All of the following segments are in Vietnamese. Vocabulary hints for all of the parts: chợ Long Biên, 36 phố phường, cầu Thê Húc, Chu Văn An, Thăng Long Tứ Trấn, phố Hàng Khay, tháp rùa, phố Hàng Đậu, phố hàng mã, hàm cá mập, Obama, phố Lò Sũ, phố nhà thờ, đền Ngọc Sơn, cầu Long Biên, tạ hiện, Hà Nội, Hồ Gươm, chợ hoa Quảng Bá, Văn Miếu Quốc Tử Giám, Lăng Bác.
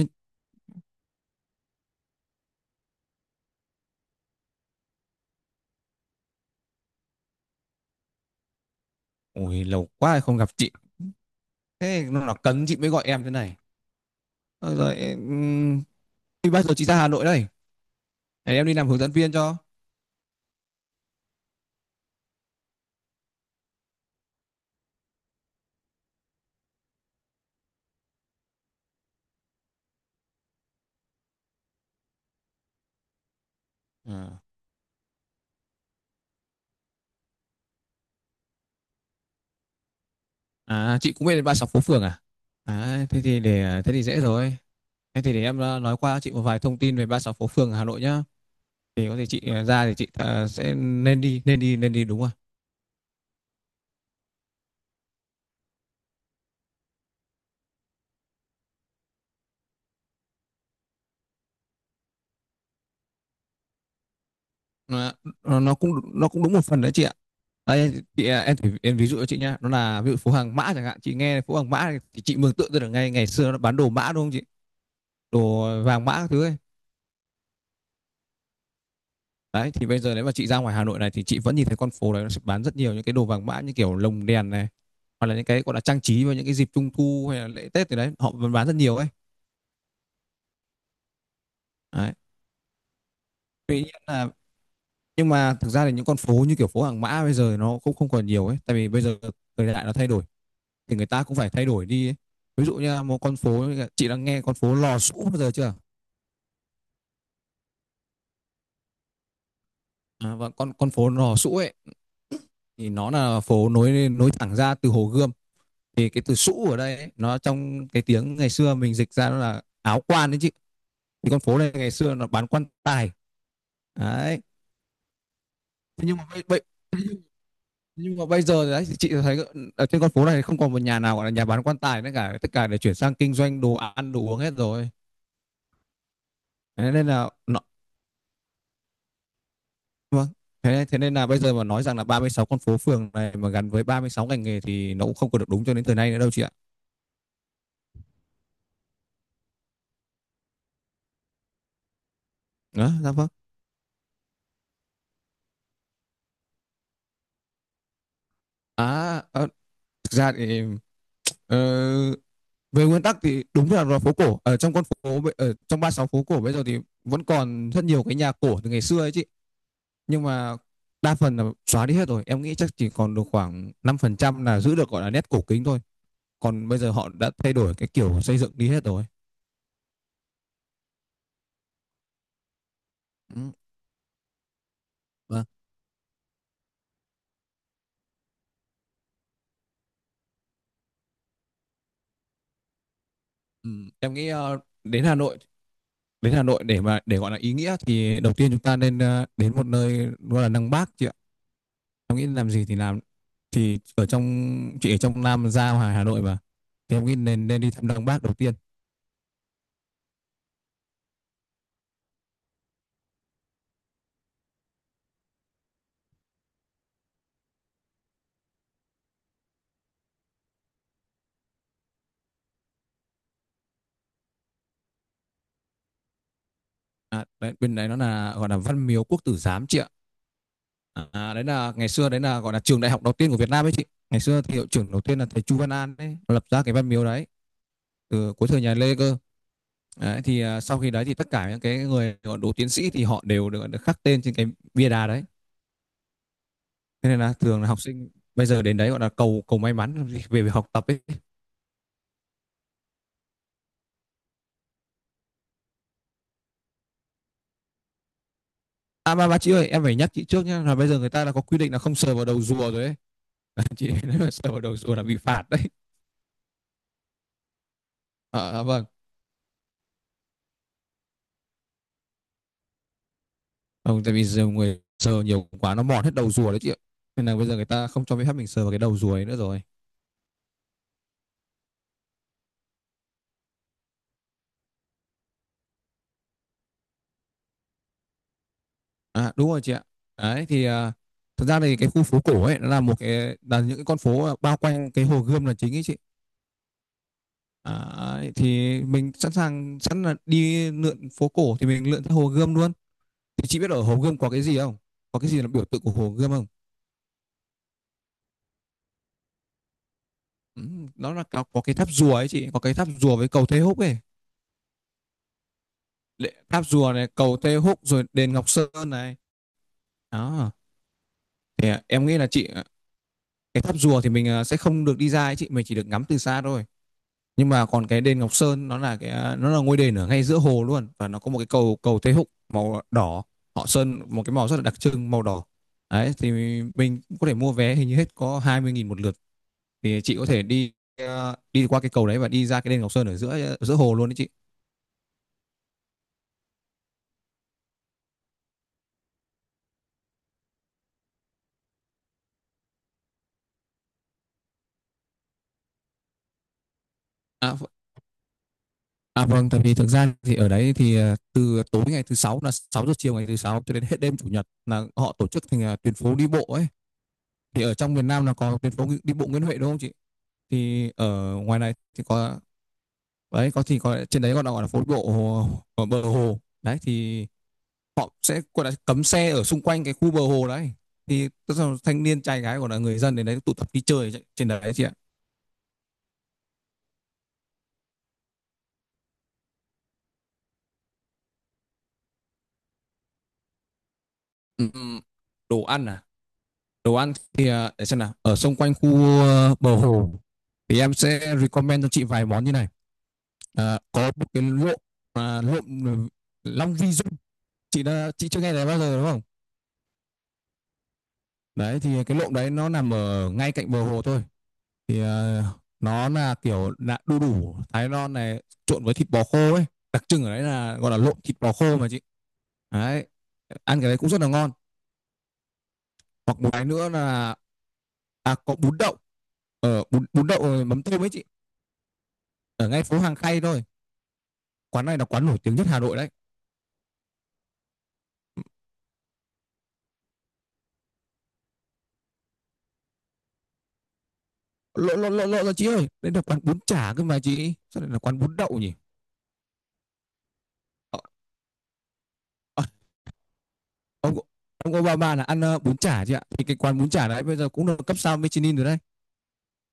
Ê, ôi lâu quá không gặp chị. Thế nó là cấn chị mới gọi em thế này. Ờ, Rồi em. Thì bao giờ chị ra Hà Nội đây? Để em đi làm hướng dẫn viên cho. Ờ. À chị cũng biết đến 36 phố phường à. À, thế thì dễ rồi. Thế thì để em nói qua chị một vài thông tin về 36 phố phường Hà Nội nhá. Thì có thể chị ra thì chị sẽ nên đi đúng rồi. Nó nó cũng đúng một phần đấy chị ạ. Đây, chị, em, em ví dụ cho chị nhá, nó là ví dụ phố hàng mã chẳng hạn. Chị nghe phố hàng mã thì chị mường tượng ra được ngay ngày xưa nó bán đồ mã đúng không chị, đồ vàng mã các thứ ấy. Đấy thì bây giờ nếu mà chị ra ngoài Hà Nội này thì chị vẫn nhìn thấy con phố đấy, nó sẽ bán rất nhiều những cái đồ vàng mã như kiểu lồng đèn này, hoặc là những cái gọi là trang trí vào những cái dịp trung thu hay là lễ Tết thì đấy, họ vẫn bán rất nhiều ấy. Đấy. Tuy nhiên là Nhưng mà thực ra thì những con phố như kiểu phố hàng mã bây giờ nó cũng không còn nhiều ấy, tại vì bây giờ thời đại nó thay đổi thì người ta cũng phải thay đổi đi ấy. Ví dụ như là một con phố, chị đã nghe con phố Lò Sũ bao giờ chưa? À, và con phố Lò Sũ ấy thì nó là phố nối nối thẳng ra từ Hồ Gươm. Thì cái từ sũ ở đây ấy, nó trong cái tiếng ngày xưa mình dịch ra nó là áo quan đấy chị. Thì con phố này ngày xưa nó bán quan tài. Đấy. Thế nhưng mà bây giờ đấy, chị thấy ở trên con phố này không còn một nhà nào gọi là nhà bán quan tài nữa cả, tất cả để chuyển sang kinh doanh đồ ăn đồ uống hết rồi. Thế nên là nó, Vâng, thế nên là bây giờ mà nói rằng là 36 con phố phường này mà gắn với 36 ngành nghề thì nó cũng không còn được đúng cho đến thời nay nữa đâu chị ạ. Đó, dạ vâng. à, à Thực ra thì, Ờ, về nguyên tắc thì đúng là phố cổ ở trong con phố, ở trong 36 phố cổ bây giờ thì vẫn còn rất nhiều cái nhà cổ từ ngày xưa ấy chị. Nhưng mà đa phần là xóa đi hết rồi, em nghĩ chắc chỉ còn được khoảng 5% là giữ được gọi là nét cổ kính thôi, còn bây giờ họ đã thay đổi cái kiểu xây dựng đi hết rồi. Ừ. Vâng. Ừ. Em nghĩ đến Hà Nội để mà để gọi là ý nghĩa thì đầu tiên chúng ta nên đến một nơi gọi là Lăng Bác chị ạ. Em nghĩ làm gì thì làm, thì ở trong chị ở trong Nam Giao ngoài Hà Nội mà, thì em nghĩ nên nên đi thăm Lăng Bác đầu tiên. À, đấy, bên đấy nó là gọi là Văn Miếu Quốc Tử Giám chị ạ. À, đấy là ngày xưa đấy là gọi là trường đại học đầu tiên của Việt Nam ấy chị, ngày xưa thì hiệu trưởng đầu tiên là thầy Chu Văn An đấy, lập ra cái Văn Miếu đấy từ cuối thời nhà Lê cơ. Đấy, thì sau khi đấy thì tất cả những cái người gọi đỗ tiến sĩ thì họ đều được, được khắc tên trên cái bia đá đấy, thế nên là thường là học sinh bây giờ đến đấy gọi là cầu cầu may mắn về việc học tập ấy. À, mà chị ơi, em phải nhắc chị trước nhé là bây giờ người ta đã có quy định là không sờ vào đầu rùa rồi ấy. Chị nếu mà sờ vào đầu rùa là bị phạt đấy. Vâng. Không, tại vì giờ người sờ nhiều quá nó mòn hết đầu rùa đấy chị ạ, nên là bây giờ người ta không cho phép mình sờ vào cái đầu rùa ấy nữa rồi. À đúng rồi chị ạ. Đấy thì thật ra thì cái khu phố cổ ấy nó là một cái, là những cái con phố bao quanh cái Hồ Gươm là chính ấy chị. À, ấy, thì mình sẵn sàng sẵn là đi lượn phố cổ thì mình lượn theo Hồ Gươm luôn. Thì chị biết ở Hồ Gươm có cái gì không, có cái gì là biểu tượng của Hồ Gươm không? Ừ, nó là có cái tháp rùa ấy chị, có cái tháp rùa với cầu Thê Húc ấy. Tháp rùa này, cầu Thê Húc rồi đền Ngọc Sơn này. Đó, thì em nghĩ là chị, cái tháp rùa thì mình sẽ không được đi ra ấy chị, mình chỉ được ngắm từ xa thôi. Nhưng mà còn cái đền Ngọc Sơn, nó là cái, nó là ngôi đền ở ngay giữa hồ luôn, và nó có một cái cầu, cầu Thê Húc màu đỏ, họ sơn một cái màu rất là đặc trưng màu đỏ. Đấy thì mình có thể mua vé hình như hết có 20.000 một lượt, thì chị có thể đi qua cái cầu đấy và đi ra cái đền Ngọc Sơn ở giữa giữa hồ luôn đấy chị. à, À vâng, tại vì thực ra thì ở đấy thì từ tối ngày thứ sáu, là 6 giờ chiều ngày thứ sáu cho đến hết đêm chủ nhật là họ tổ chức thành tuyến phố đi bộ ấy. Thì ở trong miền Nam là có tuyến phố đi bộ Nguyễn Huệ đúng không chị? Thì ở ngoài này thì có đấy, có thì có trên đấy, còn gọi là phố đi bộ hồ, ở bờ hồ. Đấy thì họ sẽ gọi là cấm xe ở xung quanh cái khu bờ hồ đấy. Thì tức là thanh niên trai gái, gọi là người dân đến đấy tụ tập đi chơi trên đấy chị ạ. Ừ, ừ. Đồ ăn à? Đồ ăn thì, để xem nào, ở xung quanh khu bờ hồ thì em sẽ recommend cho chị vài món như này. Có một cái lộn, à, lộn ừ, Long Vi Dung, chị chưa nghe thấy bao giờ đúng không? Đấy thì cái lộn đấy nó nằm ở ngay cạnh bờ hồ thôi, thì nó là kiểu là đu đủ Thái non này trộn với thịt bò khô ấy, đặc trưng ở đấy là gọi là lộn thịt bò khô mà chị. Đấy, ăn cái đấy cũng rất là ngon. Hoặc một cái nữa là, có bún đậu, bún đậu mắm tôm ấy chị, ở ngay phố Hàng Khay thôi. Quán này là quán nổi tiếng nhất Hà Nội đấy. Lộ lộ lộ lộ ra Chị ơi, đây là quán bún chả cơ mà chị, sao lại là quán bún đậu nhỉ? Ờ, ờ, ông ông Obama là ăn bún chả chị ạ, thì cái quán bún chả đấy bây giờ cũng được cấp sao Michelin rồi đấy.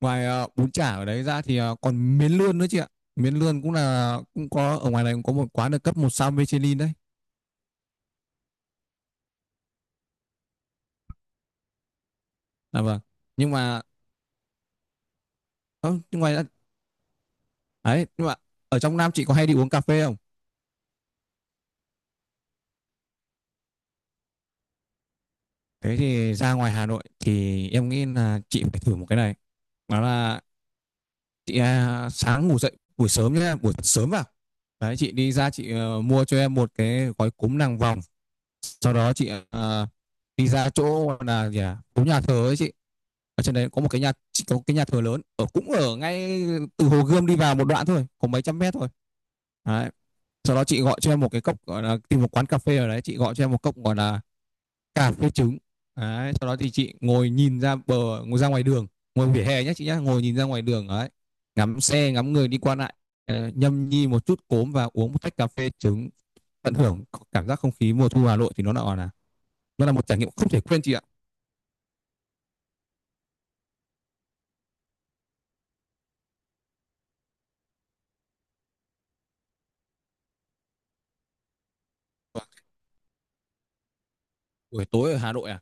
Ngoài bún chả ở đấy ra thì còn miến lươn nữa chị ạ, miến lươn cũng có ở ngoài này, cũng có một quán được cấp một sao Michelin đấy. À vâng. Nhưng mà ờ, nhưng ngoài ra- đấy, nhưng mà ở trong Nam chị có hay đi uống cà phê không? Thế thì ra ngoài Hà Nội thì em nghĩ là chị phải thử một cái này, đó là chị, sáng ngủ dậy buổi sớm nhá, buổi sớm vào đấy, chị đi ra chị mua cho em một cái gói cúm nàng vòng. Sau đó chị đi ra chỗ gọi là gì à? Phố Nhà Thờ ấy chị, ở trên đấy có một cái nhà chị, có cái nhà thờ lớn, ở ngay từ Hồ Gươm đi vào một đoạn thôi, có mấy trăm mét thôi. Đấy. Sau đó chị gọi cho em một cái cốc gọi là tìm một quán cà phê ở đấy, chị gọi cho em một cốc gọi là cà phê trứng. Đấy, sau đó thì chị ngồi nhìn ra bờ ngồi ra ngoài đường, ngồi vỉa hè nhé chị nhé, ngồi nhìn ra ngoài đường đấy, ngắm xe ngắm người đi qua lại, nhâm nhi một chút cốm và uống một tách cà phê trứng, tận hưởng cảm giác không khí mùa thu Hà Nội thì nó là nó là một trải nghiệm không thể quên chị ạ. Buổi tối ở Hà Nội à?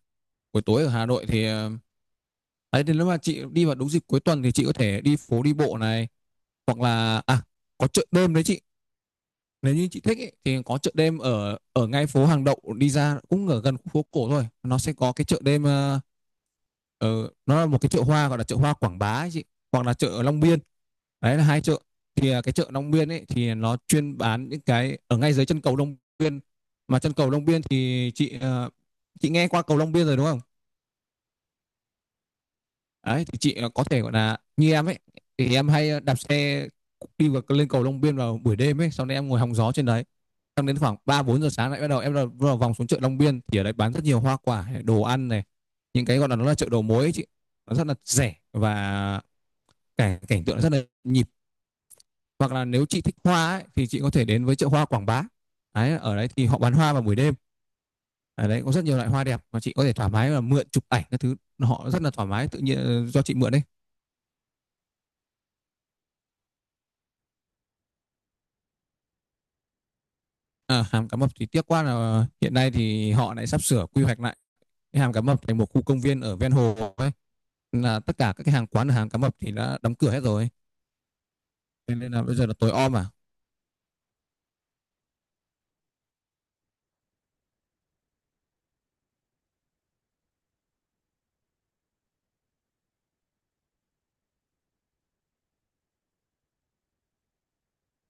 Buổi tối ở Hà Nội thì đấy, thì nếu mà chị đi vào đúng dịp cuối tuần thì chị có thể đi phố đi bộ này, hoặc là à có chợ đêm đấy chị. Nếu như chị thích ấy, thì có chợ đêm ở ở ngay phố Hàng Đậu đi ra, cũng ở gần phố cổ thôi, nó sẽ có cái chợ đêm, nó là một cái chợ hoa gọi là chợ hoa Quảng Bá ấy chị, hoặc là chợ Long Biên. Đấy là hai chợ. Thì à, cái chợ Long Biên ấy thì nó chuyên bán những cái ở ngay dưới chân cầu Long Biên, mà chân cầu Long Biên thì chị chị nghe qua cầu Long Biên rồi đúng không. Đấy, thì chị có thể gọi là như em ấy, thì em hay đạp xe đi vào lên cầu Long Biên vào buổi đêm ấy, sau đấy em ngồi hóng gió trên đấy, xong đến khoảng ba bốn giờ sáng lại bắt đầu em là bắt vòng xuống chợ Long Biên, thì ở đấy bán rất nhiều hoa quả đồ ăn này, những cái gọi là nó là chợ đầu mối ấy chị, nó rất là rẻ và cảnh cảnh tượng rất là nhịp. Hoặc là nếu chị thích hoa ấy, thì chị có thể đến với chợ hoa Quảng Bá. Đấy, ở đấy thì họ bán hoa vào buổi đêm, ở đấy có rất nhiều loại hoa đẹp mà chị có thể thoải mái là mượn chụp ảnh các thứ, họ rất là thoải mái tự nhiên, do chị mượn đấy. À, hàm cá mập thì tiếc quá là hiện nay thì họ lại sắp sửa quy hoạch lại cái hàm cá mập thành một khu công viên ở ven hồ ấy, là tất cả các cái hàng quán ở hàm cá mập thì đã đóng cửa hết rồi. Thế nên là bây giờ là tối om à.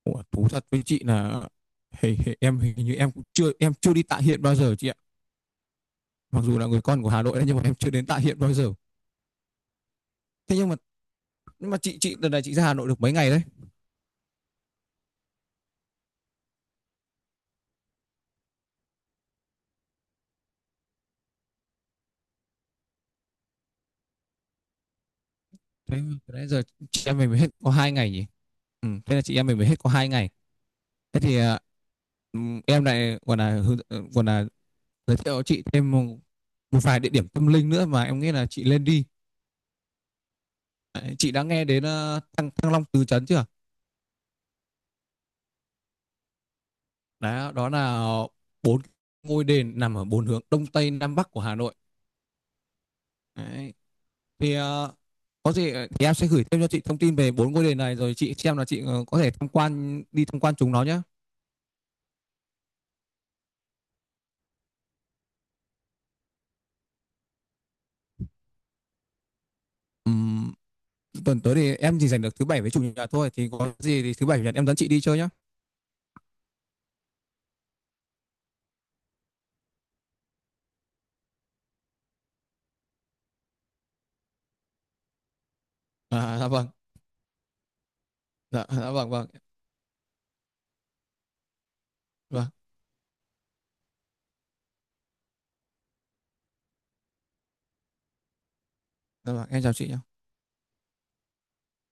Ủa, thú thật với chị là hề, hề, em hình như em cũng chưa em chưa đi Tạ Hiện bao giờ chị ạ, mặc dù là người con của Hà Nội đấy nhưng mà em chưa đến Tạ Hiện bao giờ. Thế nhưng mà, nhưng mà chị lần này chị ra Hà Nội được mấy ngày đấy? Thế nãy giờ chị em mình mới hết có hai ngày nhỉ. Ừ, thế là chị em mình mới hết có hai ngày. Thế thì ừ, em lại còn là còn là giới thiệu cho chị thêm một, một vài địa điểm tâm linh nữa mà em nghĩ là chị lên đi. Đấy, chị đã nghe đến Thăng Long Tứ Trấn chưa? Đấy, đó là bốn ngôi đền nằm ở bốn hướng đông tây nam bắc của Hà Nội. Đấy. Thì có gì thì em sẽ gửi thêm cho chị thông tin về bốn ngôi đền này, rồi chị xem là chị có thể tham quan đi tham quan chúng nó nhé. Tuần tới thì em chỉ giành được thứ bảy với chủ nhật thôi, thì có gì thì thứ bảy chủ nhật em dẫn chị đi chơi nhá. À dạ vâng, dạ dạ vâng vâng vâng, dạ vâng, em chào chị nhá.